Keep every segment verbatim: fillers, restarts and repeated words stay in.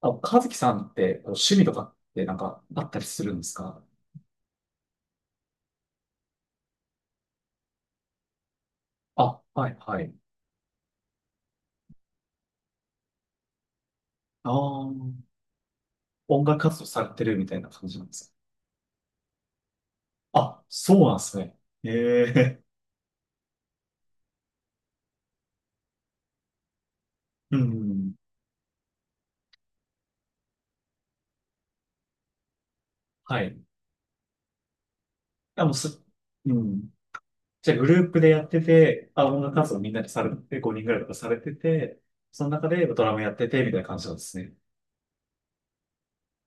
あ、和樹さんってこう趣味とかってなんかあったりするんですか？あ、はいはい。ああ、音楽活動されてるみたいな感じなんですか？あ、そうなんですね。ええ うん。はい。あ、もうす、うん。じゃあグループでやってて、あ、音楽活動みんなでされて、ごにんぐらいとかされてて、その中でドラムやってて、みたいな感じなんですね。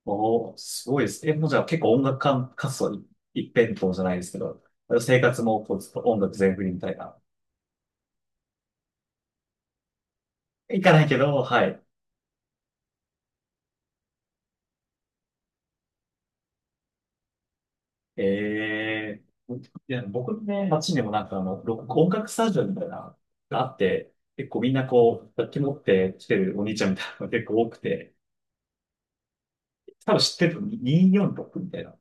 おー、すごいですね。えもうじゃあ結構音楽か活動い一辺倒じゃないですけど、生活もこうずっと音楽全振りみたいな。いかないけど、はい。ええいや、僕のね、街にもなんかあの、ロック音楽スタジオみたいな、があって、結構みんなこう、楽器持って来てるお兄ちゃんみたいなのが 結構多くて、多分知ってる、にいよんろくみたいな。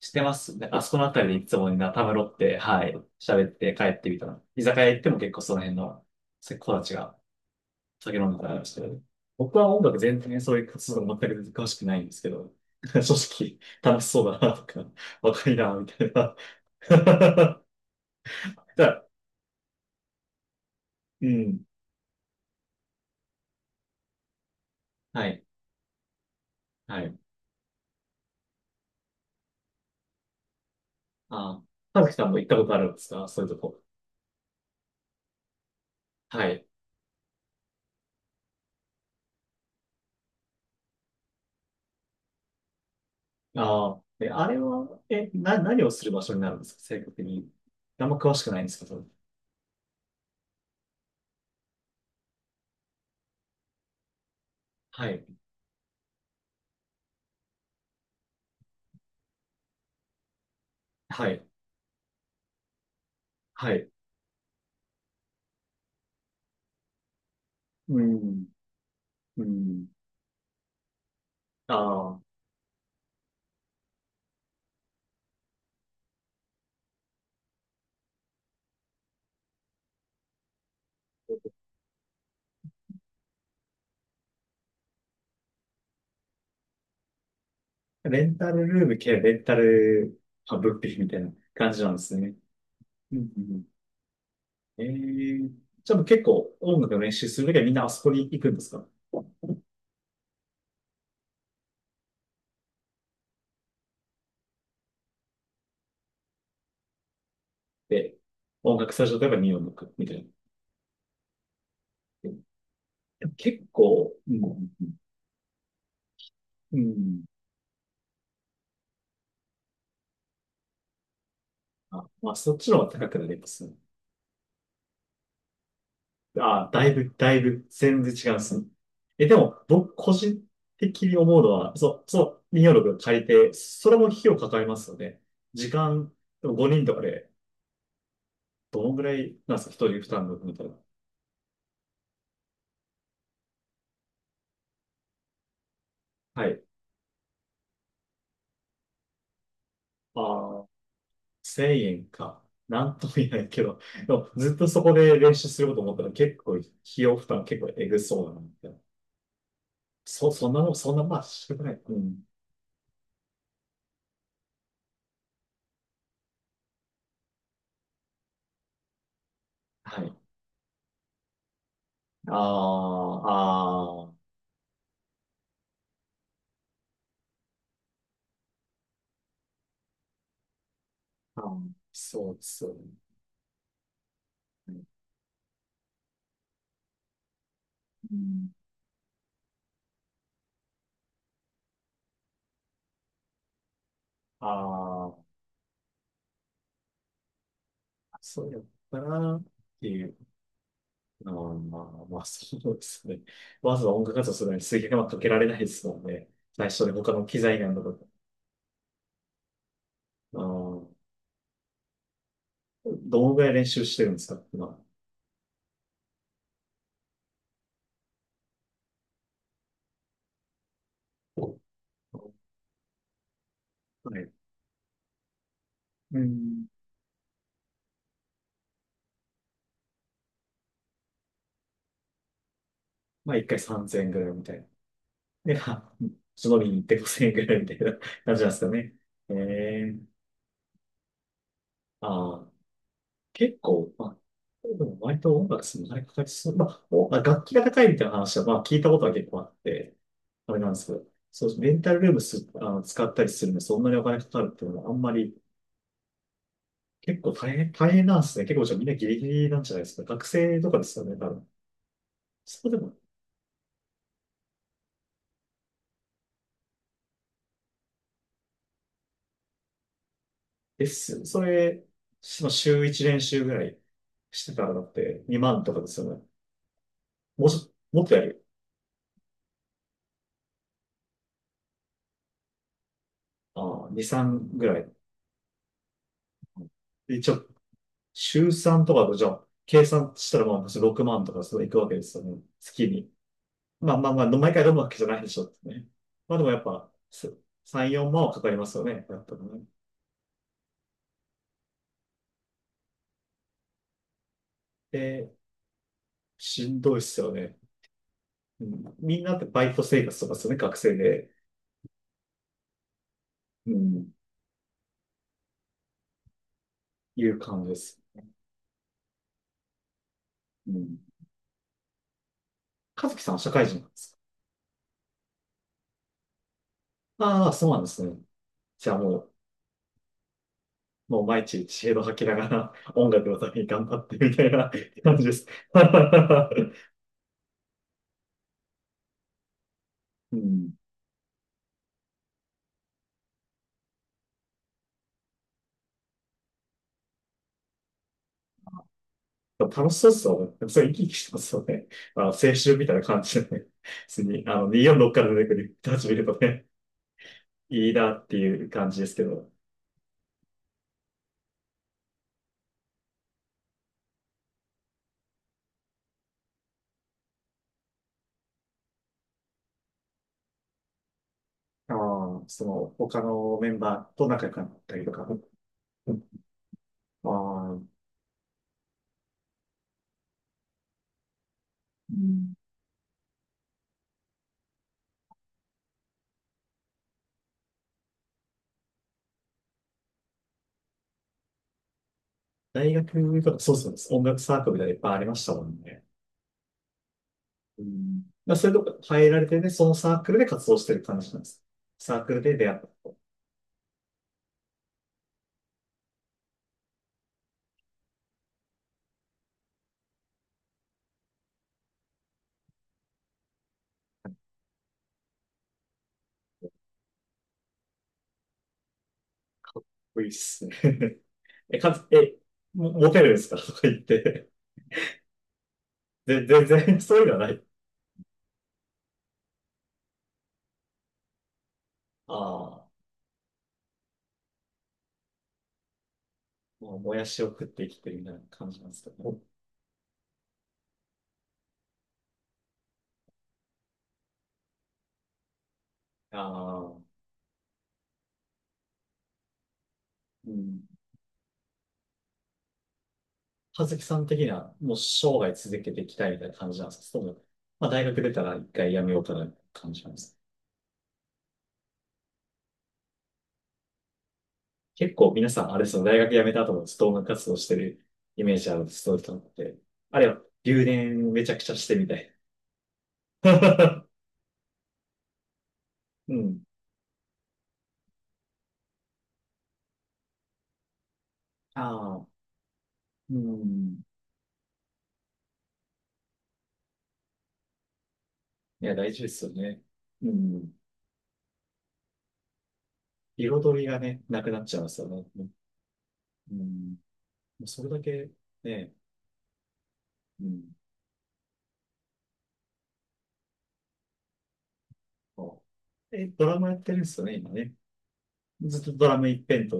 知ってますね。あそこのあたりでいつもみんなたむろって、はい、喋って帰ってみたら、居酒屋行っても結構その辺の子たちが酒飲んでたりして、僕は音楽全然ねそういう活動全く詳しくないんですけど、正直楽しそうだなとか、わかりな、みたいな。だからうん。はい。はい。ああ、はずきさんも行ったことあるんですかそういうとこ？はい。ああ、え、あれは、え、な、何をする場所になるんですか正確に？あんま詳しくないんですけど。はい。はい。はい。うん。うん。ああ、レンタルルーム兼レンタル、あ、物品みたいな感じなんですね。うん。うんうんええじゃあもう結構音楽の練習するときはみんなあそこに行くんですか？で、音楽スタジオとかに音楽みたいな。結構、うんうん。あ、まあ、そっちの方が高くなりますね。あ、だいぶ、だいぶ、全然違うんですね。え、でも、僕、個人的に思うのは、そう、そう、にいよんろくを借りて、それも費用かかりますよね。時間、でもごにんとかで、どのぐらいなんですか、ひとり負担のみたいな？はい。ああ、せんえんか。なんとも言えないけど、でも、ずっとそこで練習すること思ったら、結構、費用負担結構えぐそうだな、みたいな。そ、そんなの、そんな、まあ、仕ない。うん。はい。ああ、ああ、あーそうですよね。うん、ああ、そうやったなっていう。あーまあ、まあ、そうですね。わざわざ音楽活動するのに水源はかけられないですもんね。最初で他の機材なんだとか。あーどのぐらい練習してるんですか今？はい。うん。まあ、一回さんぜんえんぐらいみたいな。で、あ、忍びに行ってごせゼロ ゼロえんぐらいみたいな感じなんですかね。ええああ結構、まあ、でも割と音楽するのにかかりそう。まあ、おまあ楽器が高いみたいな話は、まあ、聞いたことは結構あって、あれなんですけど、そう、レンタルルームす、あの、使ったりするのにそんなにお金かかるっていうのは、あんまり、結構大変、大変なんですね。結構じゃあみんなギリギリなんじゃないですか。学生とかですよね、多分。そうでも、ですよね。それ、その週いち練習ぐらいしてたらだって、にまんとかですよね。もうちょ、もっとやるよ。ああ、に、さんぐらい。で、ちょ週さんとかと、じゃあ、計算したらまあ、ろくまんとかそういくわけですよね。月に。まあまあまあ、毎回飲むわけじゃないでしょってね。まあでもやっぱ、すさん、よんまんはかかりますよね。やっぱね。で、しんどいっすよね。うん、みんなってバイト生活とかですよね、学生で。うん、いう感じです。うん。和樹さんは社会人なんですか？ああ、そうなんですね。じゃあもう、もう、毎日知恵を吐きながら音楽のために頑張ってみたいな感じです。うん楽しそうっすよね。でもそれ生き生きしてますよね。あの、青春みたいな感じでね。普通に、あの、にいよんろくから出てくる人たち見るとね、いいなっていう感じですけど。ああ、その、他のメンバーと仲良くなったりとか。うんああ、うん大学とか、そうそうです。音楽サークルみたいなのいっぱいありましたもんね。うんまあ、それとか入られてね、そのサークルで活動してる感じなんです。サークルで出会ったと。いいっすね。え、かつ、え、モモテるんですかとか言って。で、全然そういうのはない。ああ、もうもやしを食って生きてるみたいな感じなんですけどね。ああ、うん。葉月さん的には、もう生涯続けていきたいみたいな感じなんですかその、まあ大学出たら一回辞めようかなって感じなんですか？結構皆さん、あれですよね、大学辞めた後もずっと音楽活動してるイメージある人々って、あれは留年めちゃくちゃしてみたい。うん。ああ、うん。いや、大事ですよね。うん。彩りがね、なくなっちゃいますよね。うん。もうそれだけ、ねうんそうえ、ドラマやってるんですよね、今ね。ずっとドラマ一辺と。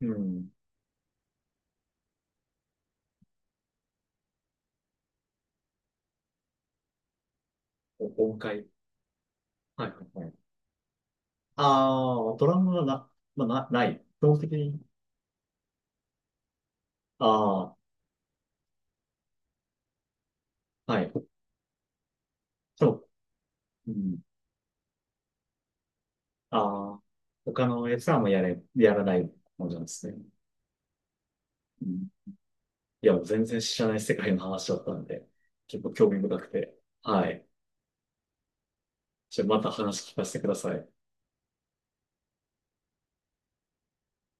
うん。お音階。はいはいはい。ああ、ドラマはな、まあ、な、ない。基本的に。ああ、はい。そう。うん。ああ、他のやつはもうやれ、やらないもんじゃんですね。うん。いや、全然知らない世界の話だったんで、結構興味深くて。はい。じゃあまた話聞かせてください。